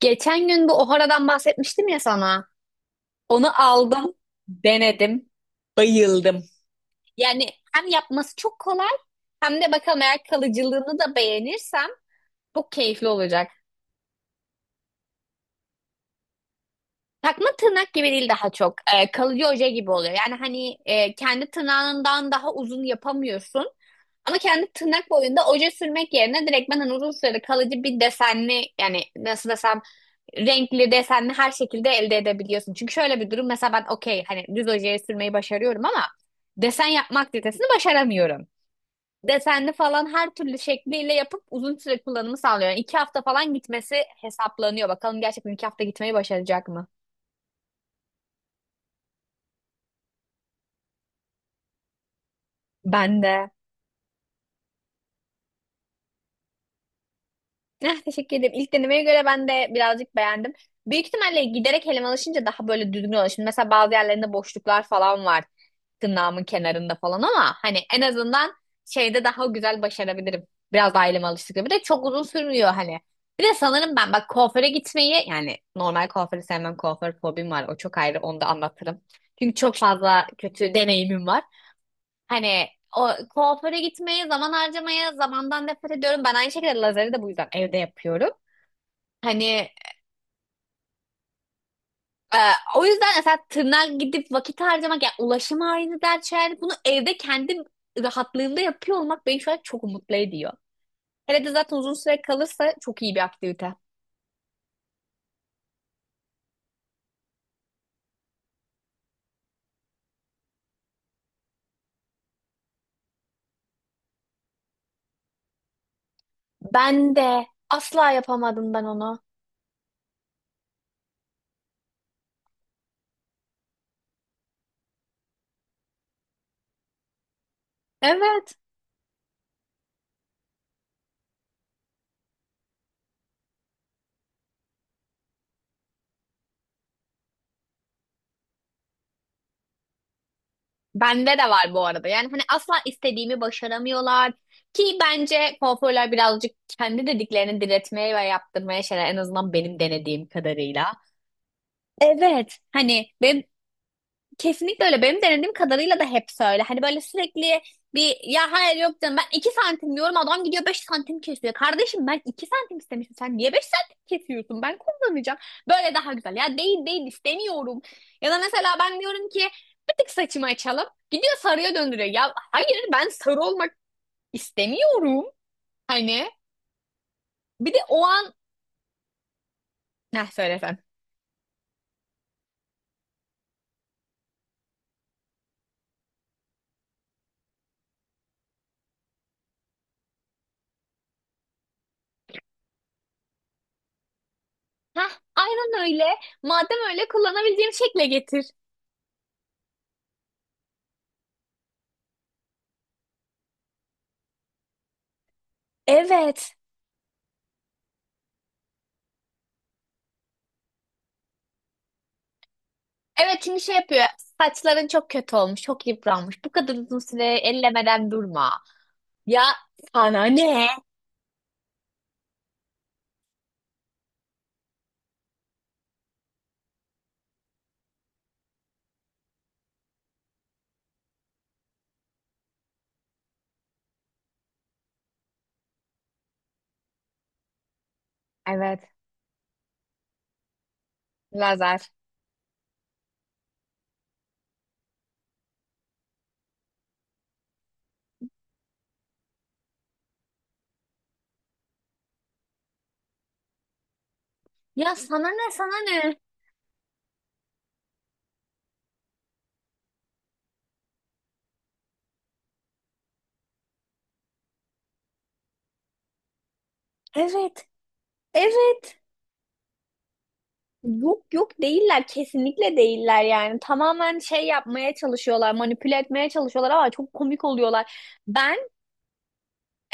Geçen gün bu Ohara'dan bahsetmiştim ya sana. Onu aldım, denedim, bayıldım. Yani hem yapması çok kolay hem de bakalım eğer kalıcılığını da beğenirsem çok keyifli olacak. Takma tırnak gibi değil daha çok. Kalıcı oje gibi oluyor. Yani hani kendi tırnağından daha uzun yapamıyorsun. Ama kendi tırnak boyunda oje sürmek yerine direkt ben hani uzun süreli kalıcı bir desenli yani nasıl desem renkli desenli her şekilde elde edebiliyorsun. Çünkü şöyle bir durum mesela ben okey hani düz ojeyi sürmeyi başarıyorum ama desen yapma aktivitesini başaramıyorum. Desenli falan her türlü şekliyle yapıp uzun süre kullanımı sağlıyor. Yani 2 hafta falan gitmesi hesaplanıyor. Bakalım gerçekten 2 hafta gitmeyi başaracak mı? Ben de. Eh, teşekkür ederim. İlk denemeye göre ben de birazcık beğendim. Büyük ihtimalle giderek elime alışınca daha böyle düzgün olur. Şimdi mesela bazı yerlerinde boşluklar falan var. Tırnağımın kenarında falan ama hani en azından şeyde daha güzel başarabilirim. Biraz daha elime alıştıkça. Bir de çok uzun sürmüyor hani. Bir de sanırım ben bak kuaföre gitmeyi yani normal kuaförü sevmem kuaför fobim var. O çok ayrı onu da anlatırım. Çünkü çok fazla kötü deneyimim var. Hani o kuaföre gitmeye, zaman harcamaya, zamandan nefret ediyorum. Ben aynı şekilde lazeri de bu yüzden evde yapıyorum. Hani e, o yüzden mesela tırnağa gidip vakit harcamak, yani ulaşım aynı dert şeyler. Bunu evde kendi rahatlığımda yapıyor olmak beni şu an çok mutlu ediyor. Hele de zaten uzun süre kalırsa çok iyi bir aktivite. Ben de asla yapamadım ben onu. Evet. Bende de var bu arada. Yani hani asla istediğimi başaramıyorlar. Ki bence kuaförler birazcık kendi dediklerini diretmeye ve yaptırmaya şeyler en azından benim denediğim kadarıyla. Evet. Hani benim. Kesinlikle öyle. Benim denediğim kadarıyla da hep öyle. Hani böyle sürekli bir ya hayır yok canım ben 2 santim diyorum adam gidiyor 5 santim kesiyor. Kardeşim ben 2 santim istemiştim. Sen niye 5 santim kesiyorsun? Ben kullanacağım. Böyle daha güzel. Ya değil değil istemiyorum. Ya da mesela ben diyorum ki bir tık saçımı açalım. Gidiyor sarıya döndürüyor. Ya hayır ben sarı olmak istemiyorum. Hani bir de o an ne söylesen. Heh, aynen öyle. Madem öyle kullanabileceğim şekle getir. Evet. Evet çünkü şey yapıyor. Saçların çok kötü olmuş, çok yıpranmış. Bu kadar uzun süre ellemeden durma. Ya sana ne? Evet. Lazer. Ya sana ne, sana ne? Evet, evet. Yok yok değiller, kesinlikle değiller yani. Tamamen şey yapmaya çalışıyorlar, manipüle etmeye çalışıyorlar ama çok komik oluyorlar. Ben.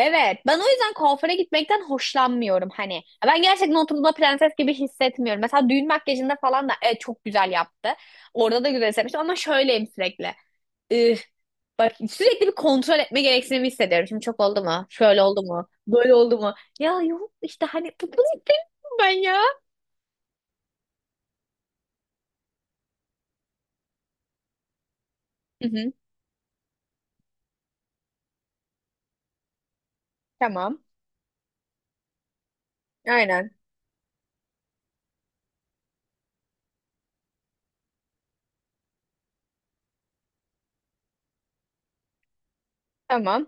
Evet, ben o yüzden kuaföre gitmekten hoşlanmıyorum hani. Ben gerçekten oturduğumda prenses gibi hissetmiyorum. Mesela düğün makyajında falan da evet, çok güzel yaptı. Orada da güzel hissetmiştim ama şöyleyim sürekli. Üf, bak sürekli bir kontrol etme gereksinimi hissediyorum. Şimdi çok oldu mu? Şöyle oldu mu? Böyle oldu mu? Ya yok işte hani bunu istemiyorum ben ya. Hı hı, tamam. Aynen. Tamam.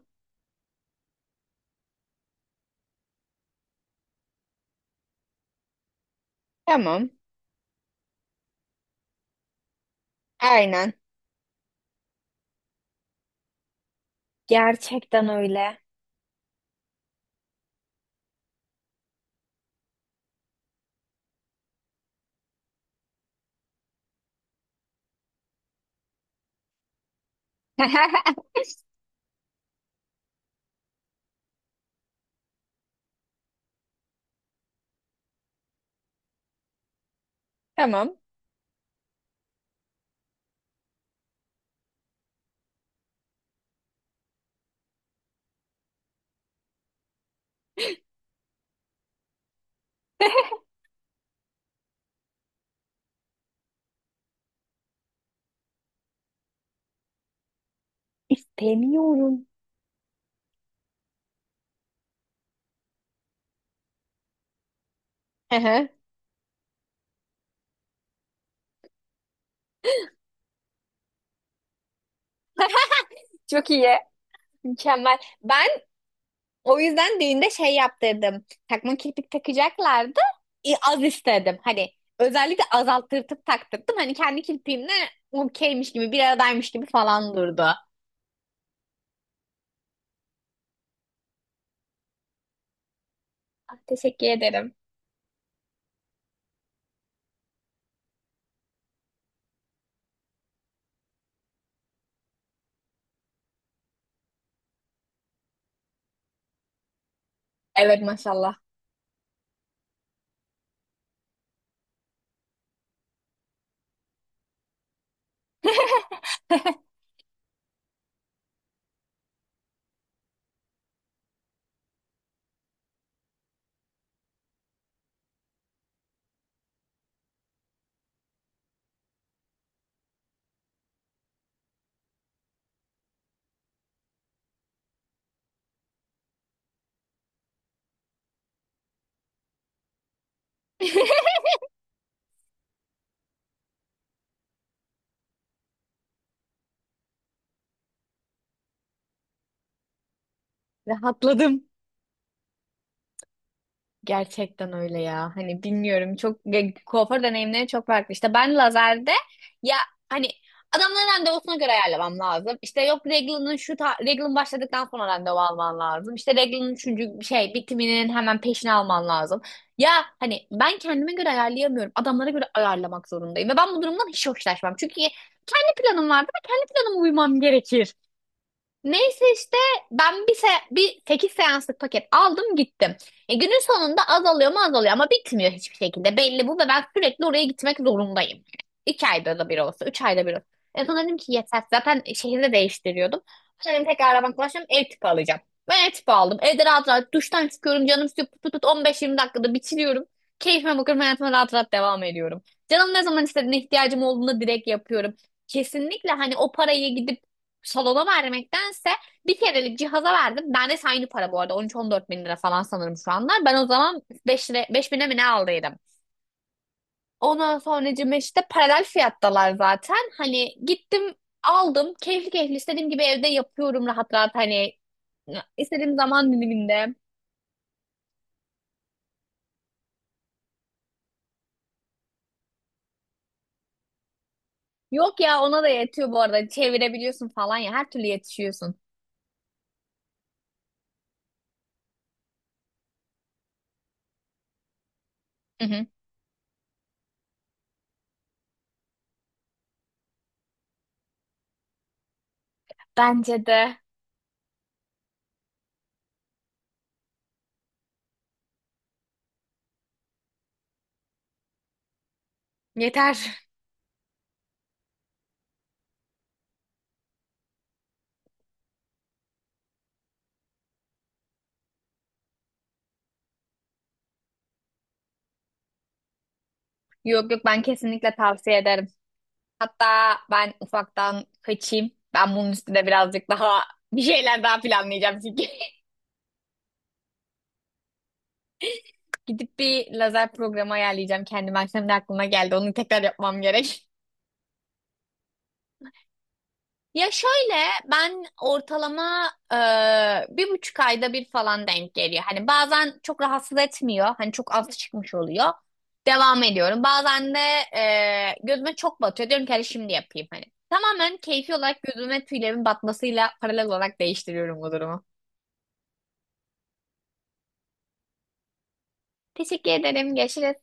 Tamam. Aynen. Gerçekten öyle. Tamam. İstemiyorum. Hı hı. Çok iyi. Mükemmel. Ben o yüzden düğünde şey yaptırdım. Takma kirpik takacaklardı. Az istedim. Hani özellikle azalttırtıp taktırdım. Hani kendi kirpiğimle okeymiş gibi, bir aradaymış gibi falan durdu. Ah, teşekkür ederim. Evet maşallah. Rahatladım. Gerçekten öyle ya. Hani bilmiyorum kuaför deneyimleri çok farklı. İşte ben lazerde ya hani adamların randevusuna göre ayarlamam lazım. İşte yok Regla'nın şu ta Reglan başladıktan sonra randevu alman lazım. İşte Regla'nın üçüncü şey bitiminin hemen peşine alman lazım. Ya hani ben kendime göre ayarlayamıyorum. Adamlara göre ayarlamak zorundayım. Ve ben bu durumdan hiç hoşlaşmam. Çünkü kendi planım vardır ve kendi planıma uymam gerekir. Neyse işte ben 18 seanslık paket aldım gittim. Günün sonunda azalıyor mu azalıyor ama bitmiyor hiçbir şekilde. Belli bu ve ben sürekli oraya gitmek zorundayım. 2 ayda da bir olsa, 3 ayda bir olsa. En son dedim ki yeter. Zaten şehirde değiştiriyordum. Dedim tekrar arabam kullanacağım, ev tipi alacağım. Ben ev tipi aldım. Evde rahat rahat duştan çıkıyorum. Canım istiyor. Tut tut put 15-20 dakikada bitiriyorum. Keyfime bakıyorum. Hayatıma rahat rahat devam ediyorum. Canım ne zaman istediğine ihtiyacım olduğunda direkt yapıyorum. Kesinlikle hani o parayı gidip salona vermektense bir kerelik cihaza verdim. Ben de aynı para bu arada. 13-14 bin lira falan sanırım şu anlar. Ben o zaman 5 lira, 5 bine mi ne aldıydım. Ondan sonracığım işte paralel fiyattalar zaten. Hani gittim aldım. Keyifli keyifli istediğim gibi evde yapıyorum rahat rahat hani istediğim zaman diliminde. Yok ya ona da yetiyor bu arada. Çevirebiliyorsun falan ya. Her türlü yetişiyorsun. Hı hı. Bence de yeter. Yok yok ben kesinlikle tavsiye ederim. Hatta ben ufaktan kaçayım. Ben bunun üstüne birazcık daha bir şeyler daha planlayacağım çünkü. Gidip bir lazer programı ayarlayacağım kendime. Akşam da aklıma geldi. Onu tekrar yapmam gerek. Ya şöyle ben ortalama bir buçuk ayda bir falan denk geliyor. Hani bazen çok rahatsız etmiyor. Hani çok az çıkmış oluyor. Devam ediyorum. Bazen de gözüme çok batıyor. Diyorum ki hadi şimdi yapayım hani. Tamamen keyfi olarak gözüme tüylerimin batmasıyla paralel olarak değiştiriyorum bu durumu. Teşekkür ederim. Görüşürüz.